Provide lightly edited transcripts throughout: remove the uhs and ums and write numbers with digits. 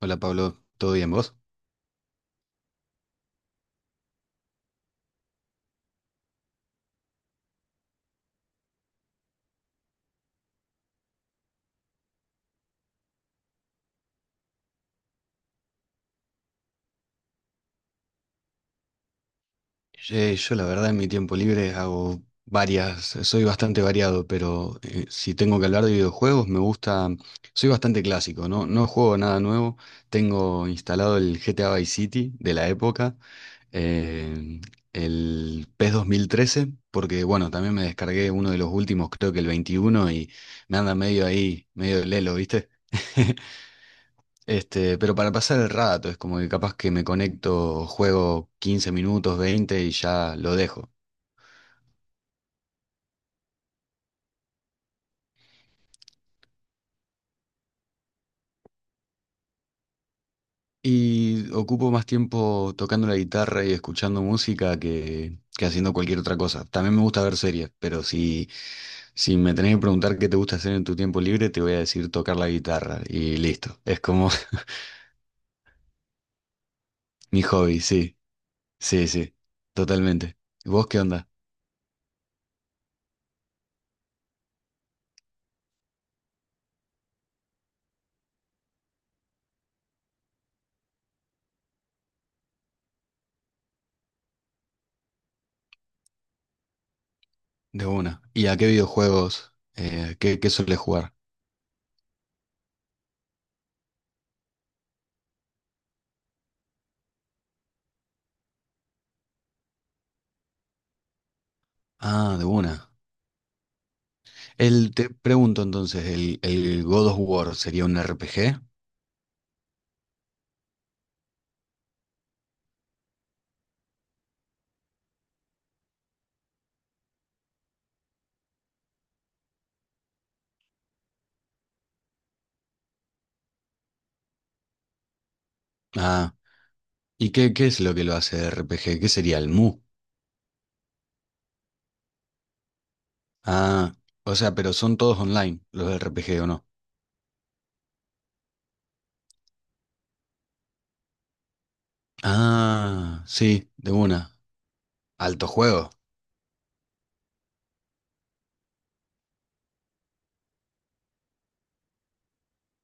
Hola Pablo, ¿todo bien vos? Yo la verdad en mi tiempo libre hago varias, soy bastante variado, pero si tengo que hablar de videojuegos me gusta, soy bastante clásico, ¿no? No juego nada nuevo, tengo instalado el GTA Vice City de la época, eh, el PES 2013, porque bueno, también me descargué uno de los últimos, creo que el 21, y me anda medio ahí, medio lelo, ¿viste? Pero para pasar el rato, es como que capaz que me conecto, juego 15 minutos, 20 y ya lo dejo. Y ocupo más tiempo tocando la guitarra y escuchando música que haciendo cualquier otra cosa. También me gusta ver series, pero si me tenés que preguntar qué te gusta hacer en tu tiempo libre, te voy a decir tocar la guitarra y listo. Es como mi hobby, sí, sí, sí, totalmente. ¿Y vos qué onda? De una. ¿Y a qué videojuegos? ¿Qué, qué sueles jugar? Ah, de una. Te pregunto entonces, ¿el God of War sería un RPG? Ah, ¿y qué, qué es lo que lo hace RPG? ¿Qué sería el Mu? Ah, o sea, pero son todos online los RPG o no. Ah, sí, de una. Alto juego,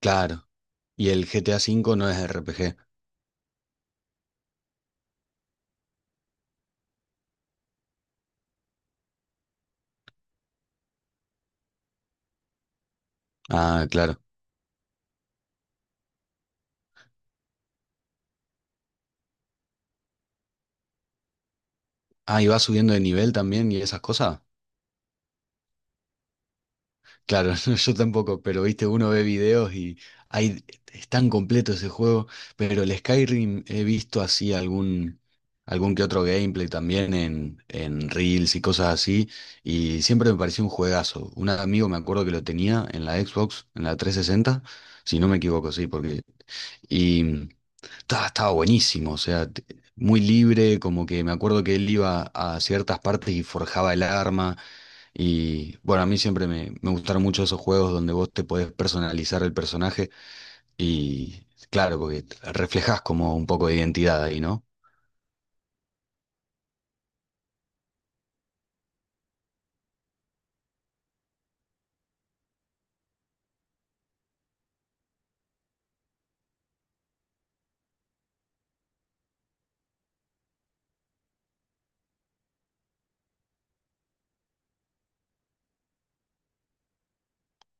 claro. Y el GTA V no es RPG. Ah, claro. Ah, ¿y va subiendo de nivel también y esas cosas? Claro, no, yo tampoco, pero viste, uno ve videos y hay, es tan completo ese juego, pero el Skyrim he visto así algún, algún que otro gameplay también en Reels y cosas así, y siempre me pareció un juegazo. Un amigo me acuerdo que lo tenía en la Xbox, en la 360, si no me equivoco, sí, porque... Y, estaba buenísimo, o sea, muy libre, como que me acuerdo que él iba a ciertas partes y forjaba el arma. Y bueno, a mí siempre me gustaron mucho esos juegos donde vos te podés personalizar el personaje y claro, porque reflejás como un poco de identidad ahí, ¿no?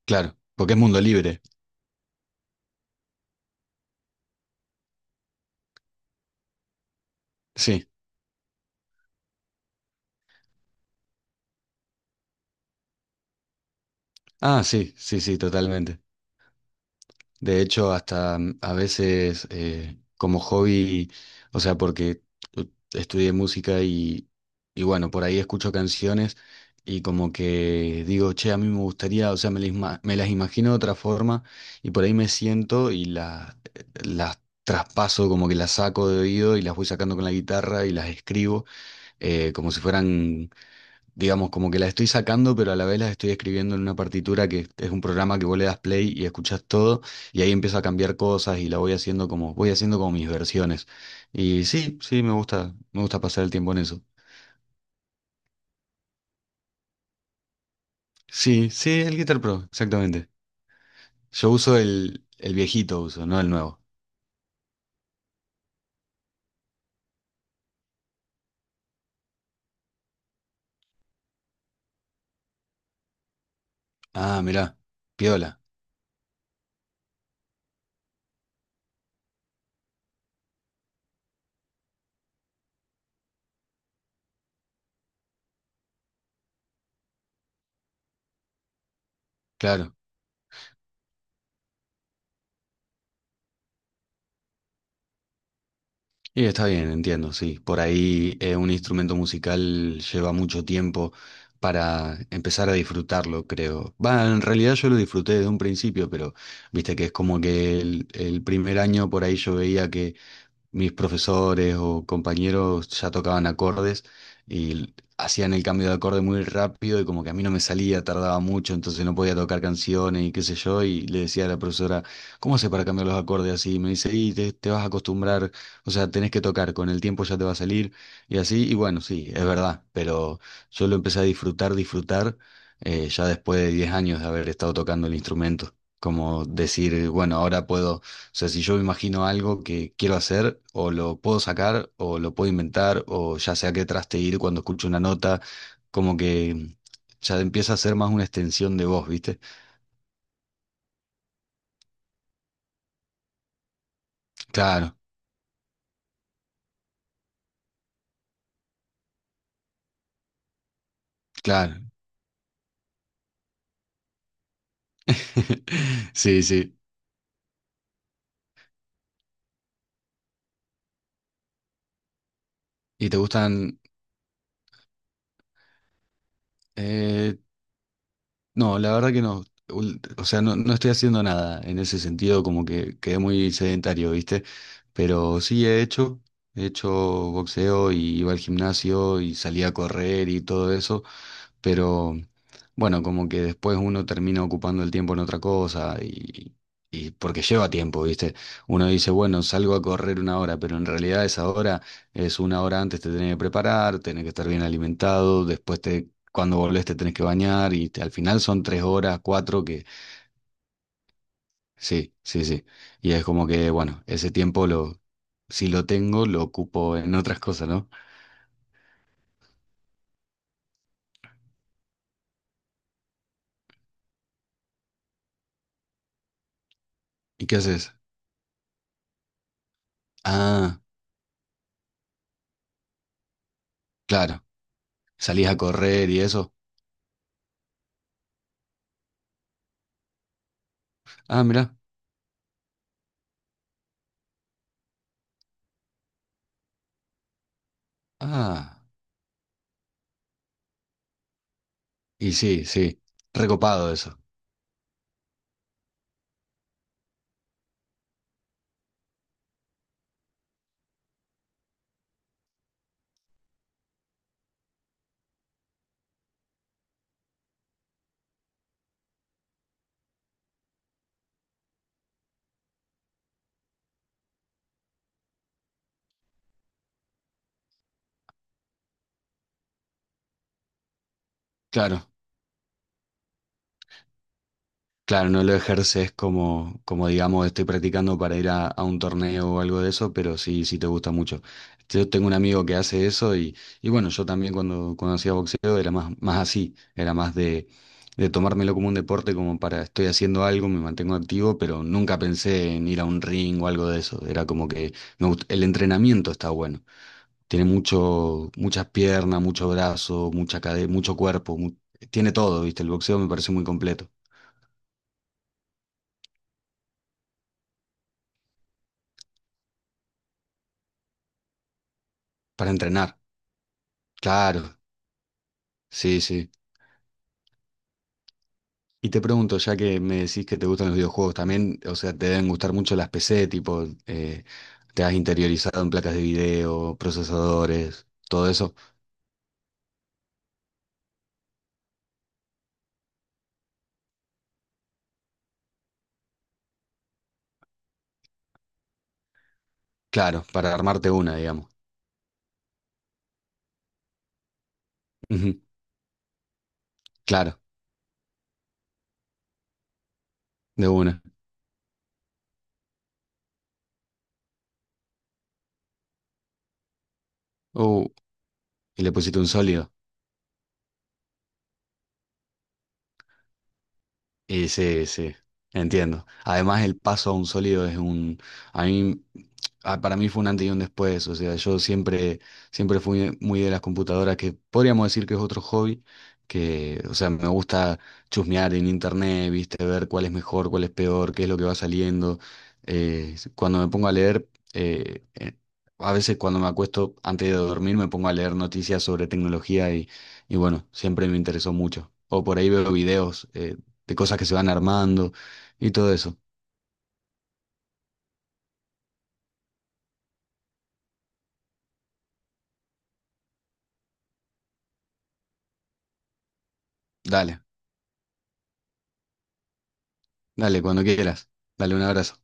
Claro, porque es mundo libre. Sí. Ah, sí, sí, sí, totalmente. De hecho, hasta a veces como hobby, o sea, porque u- estudié música y bueno, por ahí escucho canciones y como que digo, che, a mí me gustaría, o sea, me, me las imagino de otra forma y por ahí me siento y la las traspaso, como que las saco de oído y las voy sacando con la guitarra y las escribo como si fueran digamos, como que las estoy sacando, pero a la vez las estoy escribiendo en una partitura que es un programa que vos le das play y escuchás todo, y ahí empiezo a cambiar cosas y la voy haciendo como mis versiones. Y sí, sí, me gusta pasar el tiempo en eso. Sí, sí, el Guitar Pro, exactamente. Yo uso el viejito uso, no el nuevo. Ah, mirá, piola, claro. Y está bien, entiendo, sí. Por ahí un instrumento musical lleva mucho tiempo para empezar a disfrutarlo, creo. Va, en realidad yo lo disfruté desde un principio, pero viste que es como que el primer año por ahí yo veía que mis profesores o compañeros ya tocaban acordes y hacían el cambio de acorde muy rápido y como que a mí no me salía, tardaba mucho, entonces no podía tocar canciones y qué sé yo, y le decía a la profesora, ¿cómo haces para cambiar los acordes así? Y me dice, y te vas a acostumbrar, o sea, tenés que tocar, con el tiempo ya te va a salir y así, y bueno, sí, es verdad, pero yo lo empecé a disfrutar, disfrutar, ya después de 10 años de haber estado tocando el instrumento. Como decir, bueno, ahora puedo o sea, si yo me imagino algo que quiero hacer, o lo puedo sacar, o lo puedo inventar, o ya sé a qué traste ir cuando escucho una nota, como que ya empieza a ser más una extensión de voz, ¿viste? Claro, claro. Sí, sí. ¿Y te gustan? eh, no, la verdad que no. O sea, no, no estoy haciendo nada en ese sentido, como que quedé muy sedentario, ¿viste? Pero sí he hecho boxeo y iba al gimnasio y salía a correr y todo eso. Pero bueno, como que después uno termina ocupando el tiempo en otra cosa y porque lleva tiempo, ¿viste? Uno dice, bueno, salgo a correr una hora, pero en realidad esa hora es una hora antes te tenés que preparar, tenés que estar bien alimentado, después cuando volvés te tenés que bañar y al final son 3 horas, 4 que sí, sí, sí. Y es como que, bueno, ese tiempo si lo tengo, lo ocupo en otras cosas, ¿no? ¿Y qué haces? Ah, claro, salís a correr y eso. Ah, mirá. Ah, y sí, sí, recopado eso. Claro, claro, no lo ejerces como, como digamos, estoy practicando para ir a un torneo o algo de eso, pero sí, sí te gusta mucho. Yo tengo un amigo que hace eso y bueno, yo también cuando hacía boxeo era más, más así, era más de tomármelo como un deporte, como para estoy haciendo algo, me mantengo activo, pero nunca pensé en ir a un ring o algo de eso. Era como que el entrenamiento está bueno. Tiene muchas piernas, mucho brazo, mucha cadera, mucho cuerpo. Tiene todo, ¿viste? El boxeo me parece muy completo. Para entrenar. Claro, sí, sí. Y te pregunto, ya que me decís que te gustan los videojuegos, también, o sea, te deben gustar mucho las PC, tipo, te has interiorizado en placas de video, procesadores, todo eso. Claro, para armarte una, digamos. Ujú, claro, de una. Uh, y le pusiste un sólido. Y sí, sí, entiendo. Además, el paso a un sólido es un... A mí, ah, para mí fue un antes y un después. O sea, yo siempre, siempre fui muy de las computadoras, que podríamos decir que es otro hobby, que, o sea, me gusta chusmear en internet, viste, ver cuál es mejor, cuál es peor, qué es lo que va saliendo. Cuando me pongo a leer, eh, eh, a veces cuando me acuesto antes de dormir, me pongo a leer noticias sobre tecnología y bueno, siempre me interesó mucho. O por ahí veo videos. De cosas que se van armando y todo eso. Dale, dale, cuando quieras. Dale un abrazo.